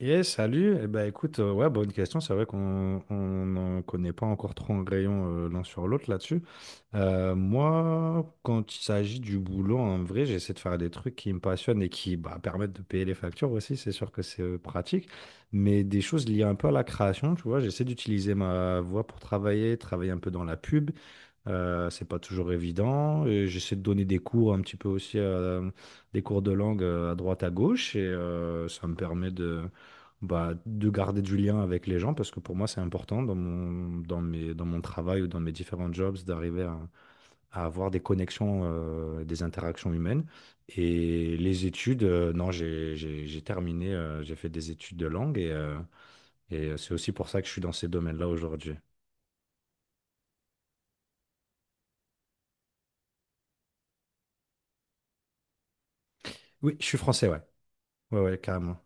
Et salut, eh ben, écoute, ouais, bonne question. C'est vrai qu'on on n'en connaît pas encore trop en rayon l'un sur l'autre là-dessus. Moi, quand il s'agit du boulot, en vrai, j'essaie de faire des trucs qui me passionnent et qui bah, permettent de payer les factures aussi. C'est sûr que c'est pratique, mais des choses liées un peu à la création, tu vois. J'essaie d'utiliser ma voix pour travailler un peu dans la pub. C'est pas toujours évident. Et j'essaie de donner des cours un petit peu aussi, des cours de langue à droite à gauche, et ça me permet de, bah, de garder du lien avec les gens parce que pour moi c'est important dans mon travail ou dans mes différents jobs d'arriver à avoir des connexions, des interactions humaines. Et les études, non, j'ai terminé, j'ai fait des études de langue et c'est aussi pour ça que je suis dans ces domaines-là aujourd'hui. Oui, je suis français, ouais, ouais, ouais, carrément.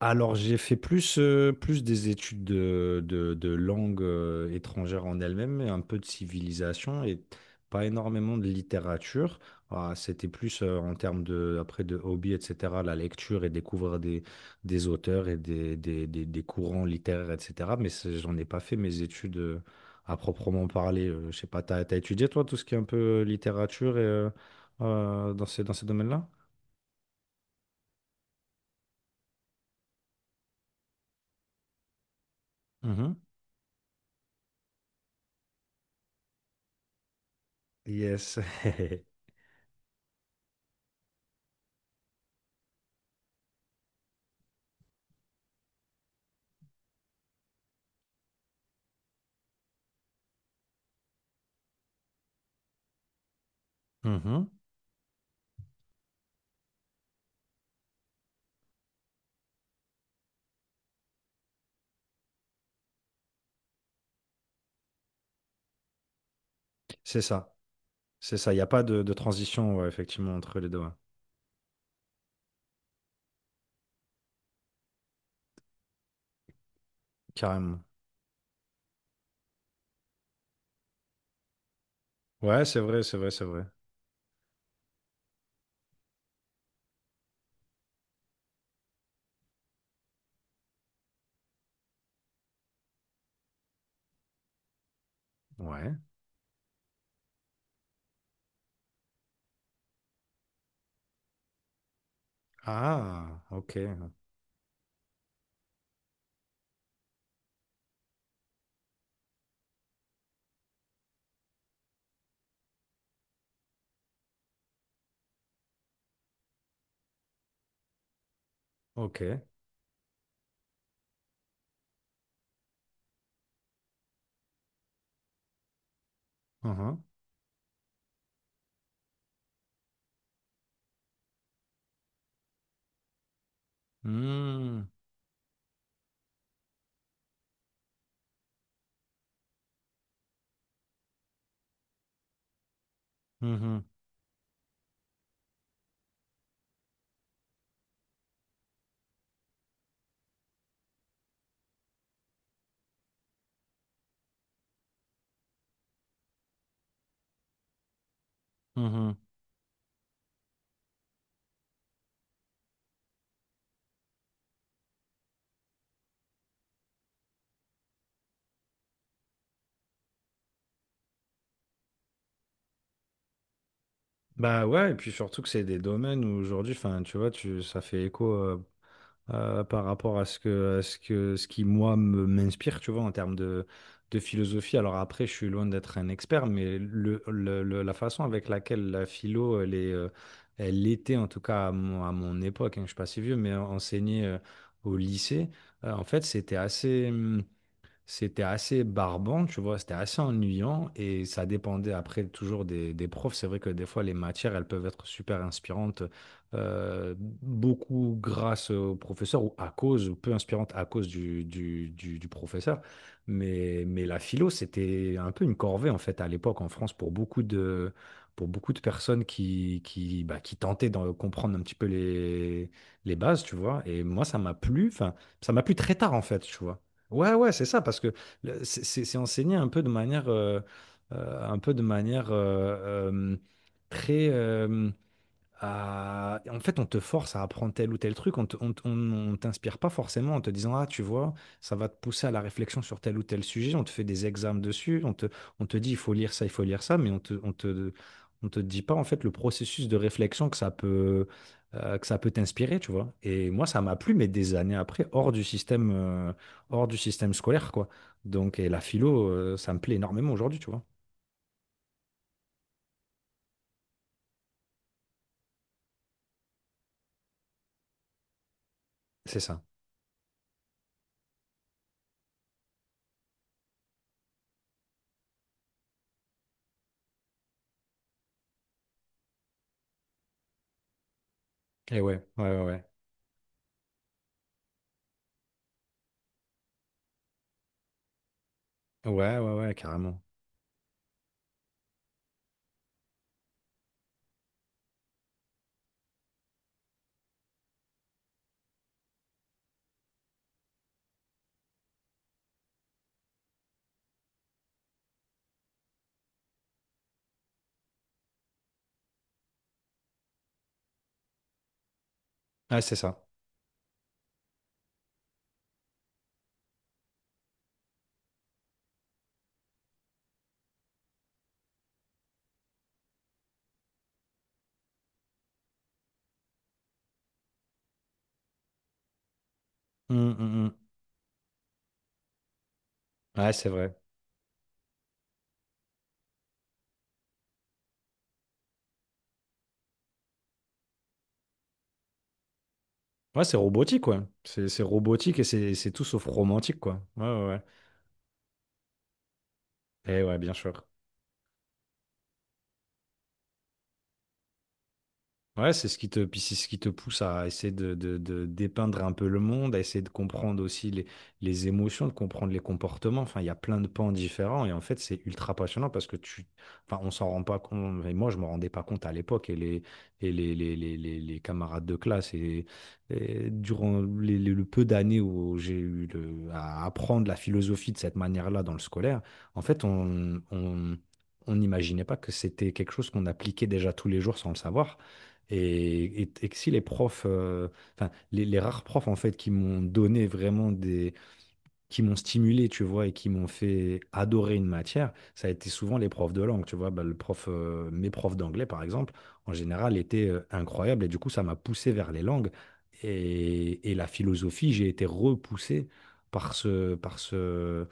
Alors, j'ai fait plus, plus des études de langue étrangère en elle-même, et un peu de civilisation et pas énormément de littérature. Ah, c'était plus en termes de, après de hobby, etc., la lecture et découvrir des auteurs et des courants littéraires, etc. Mais c'est- j'en ai pas fait mes études à proprement parler. Je sais pas, t'as étudié toi tout ce qui est un peu littérature et, dans ces domaines-là? Mhm. Yes. Mhm. C'est ça. C'est ça, il n'y a pas de transition, ouais, effectivement, entre les deux, ouais. Carrément. Ouais, c'est vrai, c'est vrai, c'est vrai. Ouais. Ah, ok, ok. Uhum. Hmm, mhm, mhm. Bah ouais, et puis surtout que c'est des domaines où aujourd'hui, enfin, tu vois, tu, ça fait écho. Par rapport à ce que, ce qui, moi, me- m'inspire, tu vois, en termes de philosophie. Alors après, je suis loin d'être un expert, mais la façon avec laquelle la philo, elle est, elle était, en tout cas à mon époque, hein, je suis pas si vieux, mais enseignée au lycée, en fait, c'était assez. C'était assez barbant, tu vois, c'était assez ennuyant et ça dépendait après toujours des profs. C'est vrai que des fois, les matières, elles peuvent être super inspirantes, beaucoup grâce au professeur ou à cause, ou peu inspirantes à cause du professeur. Mais la philo, c'était un peu une corvée en fait à l'époque en France pour beaucoup de personnes bah, qui tentaient de comprendre un petit peu les bases, tu vois. Et moi, ça m'a plu, enfin, ça m'a plu très tard en fait, tu vois. Ouais, ouais, c'est ça, parce que le- c'est enseigné un peu de manière, un peu de manière très, euh, en fait, on te force à apprendre tel ou tel truc, on t'inspire pas forcément en te disant, ah, tu vois, ça va te pousser à la réflexion sur tel ou tel sujet, on te fait des examens dessus, on te dit, il faut lire ça, il faut lire ça, mais on te dit pas, en fait, le processus de réflexion que ça peut t'inspirer, tu vois. Et moi, ça m'a plu, mais des années après, hors du système scolaire, quoi. Donc, et la philo, ça me plaît énormément aujourd'hui, tu vois. C'est ça. Et ouais, ouais, ouais, ouais, ouais, ouais, ouais, carrément. Ah, c'est ça. Hum, hum, hum. Ouais, c'est vrai. Ouais, c'est robotique, ouais. C'est robotique et c'est tout sauf romantique, quoi. Ouais, ouais, ouais. Et ouais, bien sûr. Ouais, c'est ce qui te, puis c'est ce qui te pousse à essayer de dépeindre un peu le monde, à essayer de comprendre aussi les émotions, de comprendre les comportements. Enfin, il y a plein de pans différents et en fait, c'est ultra passionnant parce que tu, enfin, on s'en rend pas compte. Et moi, je me rendais pas compte à l'époque et les camarades de classe et durant le peu d'années où j'ai eu le- à apprendre la philosophie de cette manière-là dans le scolaire, en fait, on n'imaginait pas que c'était quelque chose qu'on appliquait déjà tous les jours sans le savoir. Et que si les profs, enfin, les rares profs en fait qui m'ont donné vraiment des, qui m'ont stimulé, tu vois, et qui m'ont fait adorer une matière, ça a été souvent les profs de langue, tu vois. Bah, le prof, mes profs d'anglais, par exemple, en général, étaient incroyables et du coup, ça m'a poussé vers les langues. Et la philosophie, j'ai été repoussé par ce,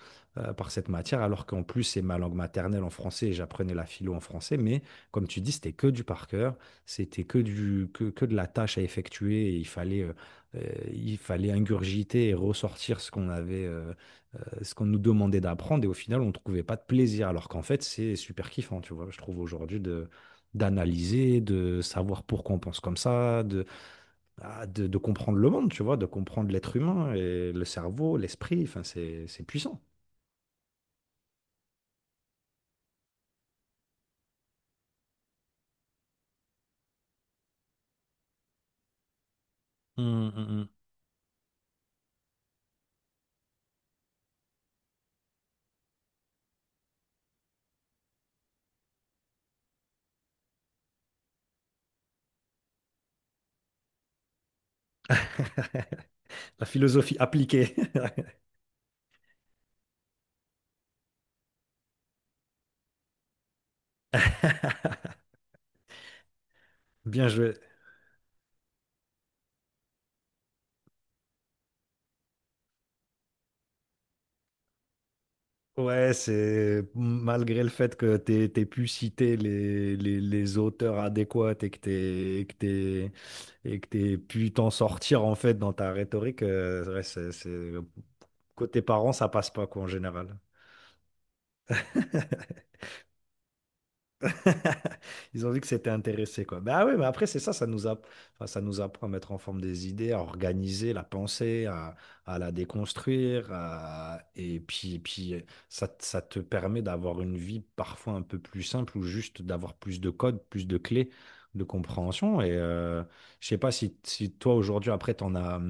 par cette matière, alors qu'en plus, c'est ma langue maternelle en français et j'apprenais la philo en français. Mais comme tu dis, c'était que du par cœur, c'était que que de la tâche à effectuer et euh, il fallait ingurgiter et ressortir ce qu'on avait, ce qu'on nous demandait d'apprendre et au final, on ne trouvait pas de plaisir. Alors qu'en fait, c'est super kiffant, tu vois, je trouve aujourd'hui de d'analyser, de savoir pourquoi on pense comme ça, de comprendre le monde, tu vois, de comprendre l'être humain et le cerveau, l'esprit, enfin, c'est puissant. Hum, hum, hum. La philosophie appliquée. Bien joué. Ouais, c'est malgré le fait que t'aies pu citer les auteurs adéquats et que t'aies pu t'en sortir en fait dans ta rhétorique, ouais, c'est- côté parents, ça passe pas quoi en général. Ils ont vu que c'était intéressé, quoi. Ben ah oui, mais après, c'est ça, enfin, ça nous apprend à mettre en forme des idées, à organiser la pensée, à la déconstruire. À- Et puis ça, ça te permet d'avoir une vie parfois un peu plus simple ou juste d'avoir plus de codes, plus de clés de compréhension. Et je sais pas si, si toi, aujourd'hui, après, t'en as,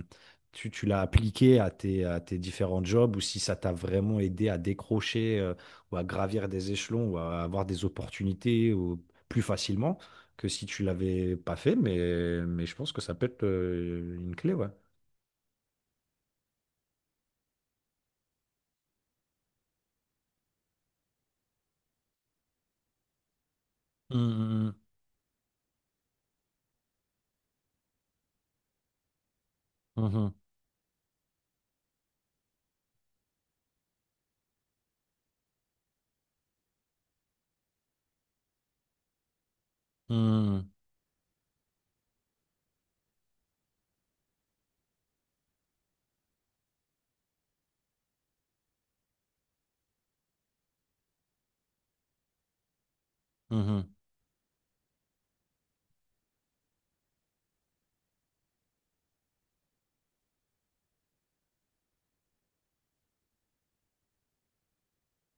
tu l'as appliqué à tes différents jobs ou si ça t'a vraiment aidé à décrocher, ou à gravir des échelons ou à avoir des opportunités ou plus facilement que si tu l'avais pas fait. Mais je pense que ça peut être une clé, ouais. Mhm, mhm, mhm, mhm,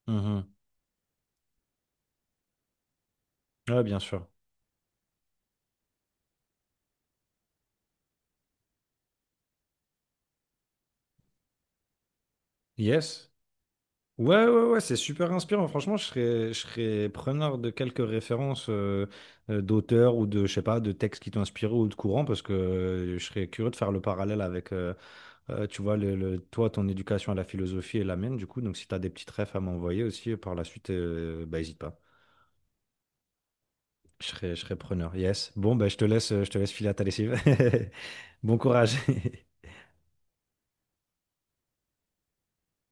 mhm. Ouais, bien sûr. Yes. Ouais, ouais, ouais, c'est super inspirant. Franchement, je serais preneur de quelques références d'auteurs ou de, je sais pas, de textes qui t'ont inspiré ou de courants parce que je serais curieux de faire le parallèle avec, tu vois, toi, ton éducation à la philosophie est la mienne, du coup. Donc, si tu as des petites refs à m'envoyer aussi par la suite, bah, hésite pas. Je serai preneur. Yes. Bon, bah, je te laisse filer à ta lessive. Bon courage.